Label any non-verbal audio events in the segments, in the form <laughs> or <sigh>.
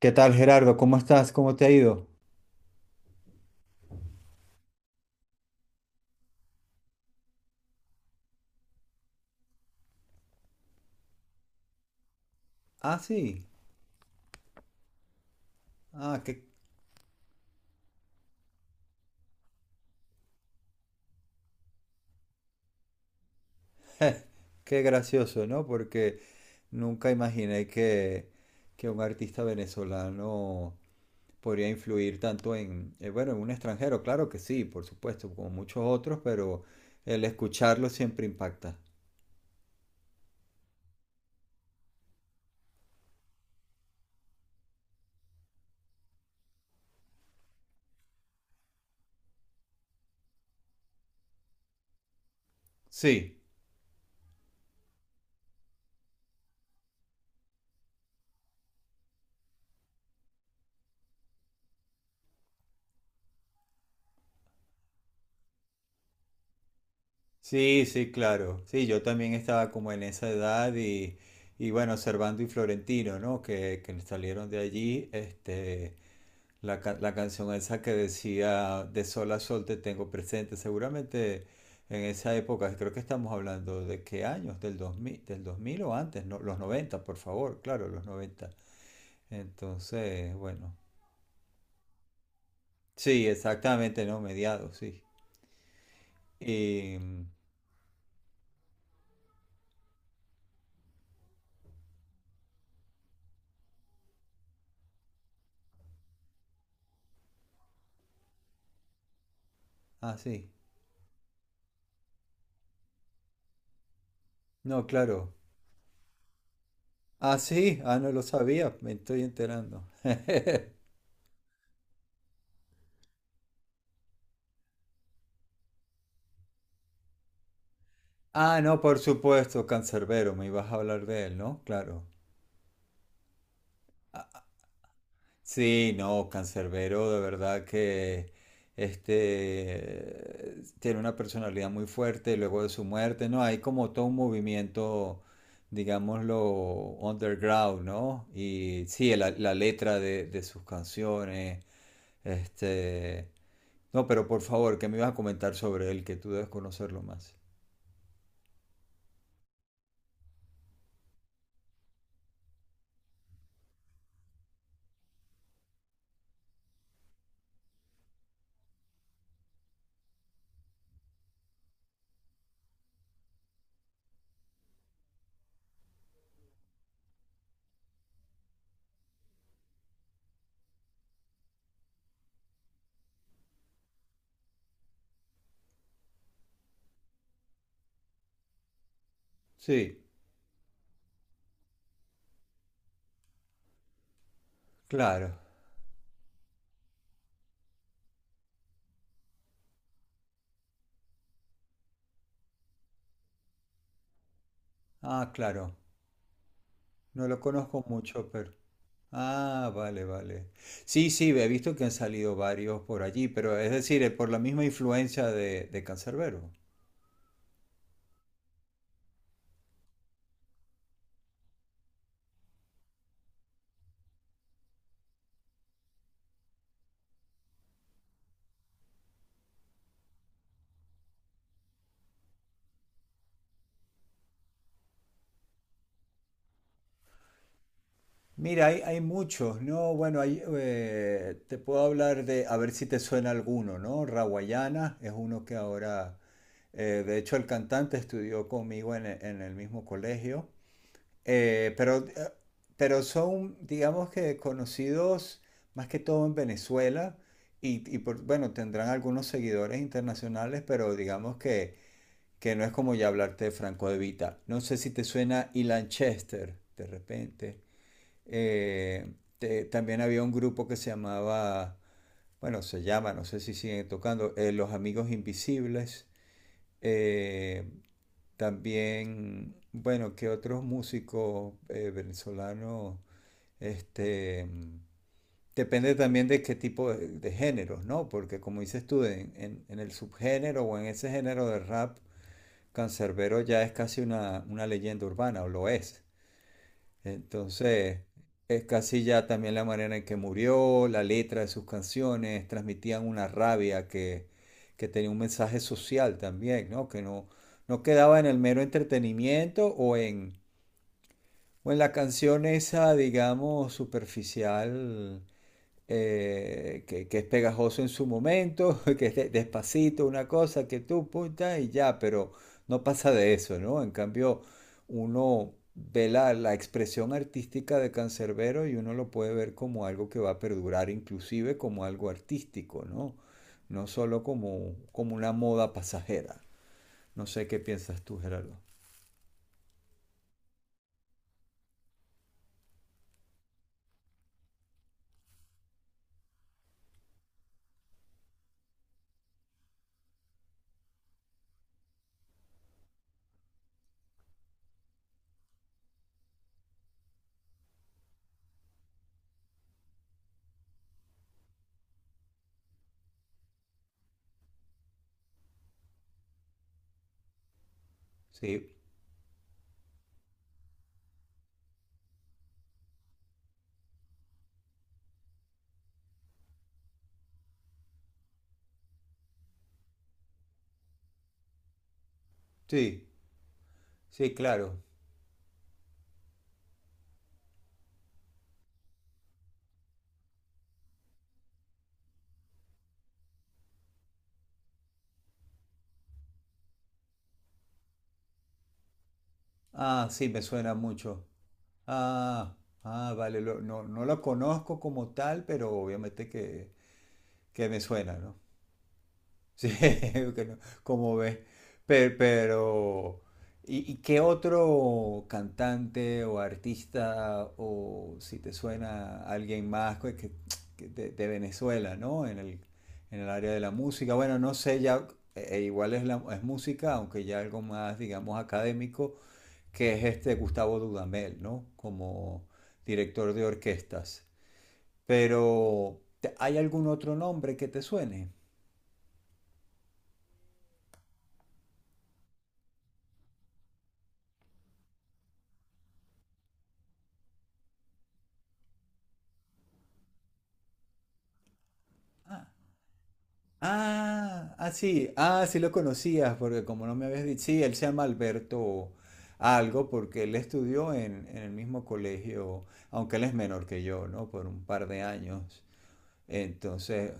¿Qué tal, Gerardo? ¿Cómo estás? ¿Cómo te ha ido? Ah, sí. Ah, qué, qué gracioso, ¿no? Porque nunca imaginé que un artista venezolano podría influir tanto en, bueno, en un extranjero. Claro que sí, por supuesto, como muchos otros, pero el escucharlo siempre impacta. Sí. Sí, sí, claro. Sí, yo también estaba como en esa edad y bueno, Servando y Florentino, ¿no? Que salieron de allí, este, la canción esa que decía De sol a sol te tengo presente. Seguramente en esa época, creo que estamos hablando de qué años, del 2000, del 2000 o antes, no, los noventa, por favor, claro, los 90. Entonces, bueno, sí, exactamente, ¿no? Mediados, sí. Y, ah, sí. No, claro. Ah, sí, ah, no lo sabía, me estoy enterando. <laughs> Ah, no, por supuesto, Cancerbero, me ibas a hablar de él, ¿no? Claro. Sí, no, Cancerbero de verdad que este tiene una personalidad muy fuerte luego de su muerte, ¿no? Hay como todo un movimiento, digámoslo, underground, ¿no? Y sí, la letra de sus canciones, este... No, pero por favor, ¿qué me ibas a comentar sobre él, que tú debes conocerlo más? Sí. Claro. Ah, claro. No lo conozco mucho, pero... Ah, vale, vale. Sí, sí, he visto que han salido varios por allí, pero es decir, por la misma influencia de Cancerbero. Mira, hay muchos, ¿no? Bueno, hay, te puedo hablar de, a ver si te suena alguno, ¿no? Rawayana es uno que ahora, de hecho el cantante estudió conmigo en, en el mismo colegio. Eh, pero, eh, pero son, digamos que conocidos más que todo en Venezuela y, bueno, tendrán algunos seguidores internacionales, pero digamos que no es como ya hablarte de Franco De Vita. No sé si te suena Ilan Chester, de repente. También había un grupo que se llamaba, bueno, se llama, no sé si siguen tocando, Los Amigos Invisibles. Eh, también, bueno, que otros músicos venezolanos, este, depende también de qué tipo de géneros, ¿no? Porque como dices tú, en el subgénero o en ese género de rap, Canserbero ya es casi una leyenda urbana, o lo es. Entonces, es casi ya también la manera en que murió, la letra de sus canciones, transmitían una rabia que tenía un mensaje social también, ¿no? Que no, no quedaba en el mero entretenimiento o en la canción esa, digamos, superficial que es pegajoso en su momento, <laughs> despacito, una cosa que tú punta y ya, pero no pasa de eso, ¿no? En cambio, uno ve la expresión artística de Cancerbero y uno lo puede ver como algo que va a perdurar, inclusive como algo artístico, ¿no? No solo como, como una moda pasajera. No sé qué piensas tú, Gerardo. Sí, sí, sí, claro. Ah, sí, me suena mucho. Ah, ah, vale, no, no lo conozco como tal, pero obviamente que me suena, ¿no? <laughs> Sí, que no, como ves. Pero y qué otro cantante o artista o si te suena alguien más que de Venezuela, ¿no? En el área de la música. Bueno, no sé, ya igual es, la, es música, aunque ya algo más, digamos, académico que es este Gustavo Dudamel, ¿no? Como director de orquestas. Pero, ¿hay algún otro nombre que te suene? Ah, ah, sí, ah, sí lo conocías, porque como no me habías dicho, sí, él se llama Alberto algo, porque él estudió en el mismo colegio, aunque él es menor que yo, ¿no? Por un par de años. Entonces,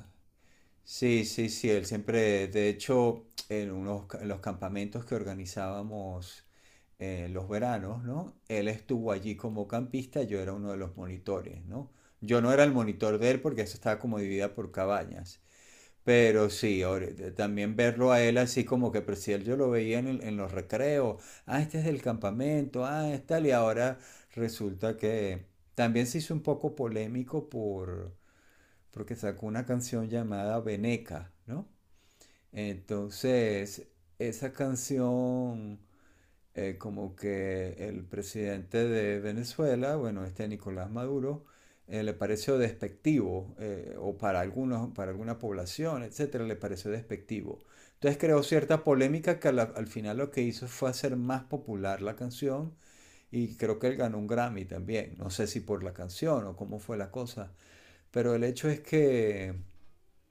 sí, sí, sí, él siempre, de hecho, en unos, en los campamentos que organizábamos en los veranos, ¿no? Él estuvo allí como campista, yo era uno de los monitores, ¿no? Yo no era el monitor de él porque eso estaba como dividida por cabañas, pero sí, ahora, también verlo a él así como que, pero si él yo lo veía en, en los recreos, ah, este es del campamento, ah, es tal, y ahora resulta que también se hizo un poco polémico porque sacó una canción llamada Veneca, ¿no? Entonces, esa canción, como que el presidente de Venezuela, bueno, este Nicolás Maduro, le pareció despectivo, o para algunos, para alguna población, etcétera, le pareció despectivo. Entonces creó cierta polémica que al final lo que hizo fue hacer más popular la canción y creo que él ganó un Grammy también. No sé si por la canción o cómo fue la cosa, pero el hecho es que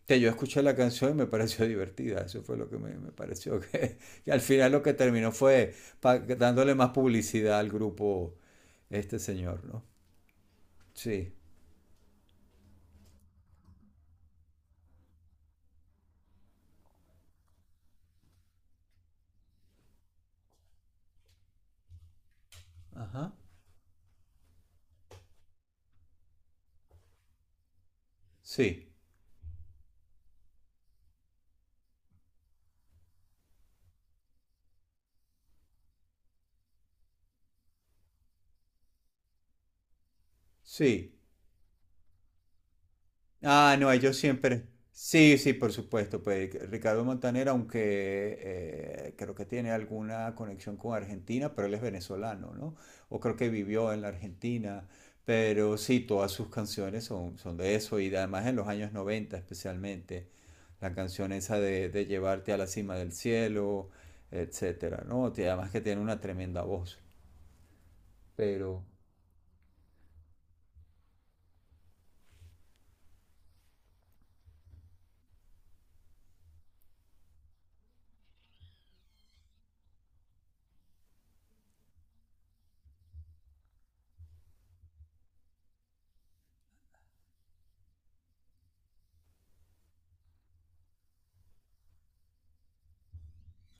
yo escuché la canción y me pareció <laughs> divertida, eso fue lo que me pareció, que, al final lo que terminó fue pa, dándole más publicidad al grupo este señor, ¿no? Sí, ajá, sí, sí. Ah, no, ellos siempre. Sí, sí, por supuesto. Pues Ricardo Montaner, aunque creo que tiene alguna conexión con Argentina, pero él es venezolano, ¿no? O creo que vivió en la Argentina. Pero sí, todas sus canciones son, son de eso. Y además en los años 90, especialmente. La canción esa de llevarte a la cima del cielo, etcétera, ¿no? Te- además que tiene una tremenda voz. Pero.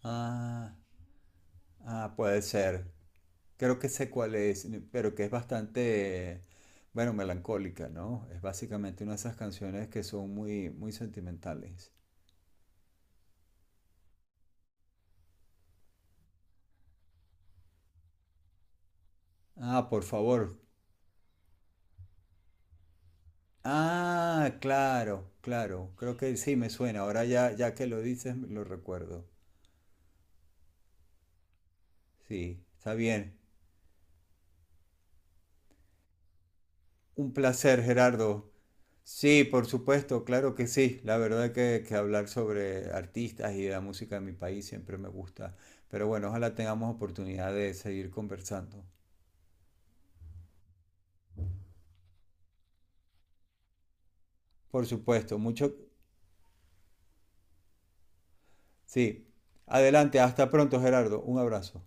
Ah, ah, puede ser. Creo que sé cuál es, pero que es bastante, bueno, melancólica, ¿no? Es básicamente una de esas canciones que son muy, muy sentimentales. Ah, por favor. Ah, claro, claro. Creo que sí me suena. Ahora ya, ya que lo dices, lo recuerdo. Sí, está bien. Un placer, Gerardo. Sí, por supuesto, claro que sí. La verdad que hablar sobre artistas y la música de mi país siempre me gusta. Pero bueno, ojalá tengamos oportunidad de seguir conversando. Por supuesto, mucho. Sí. Adelante, hasta pronto, Gerardo. Un abrazo.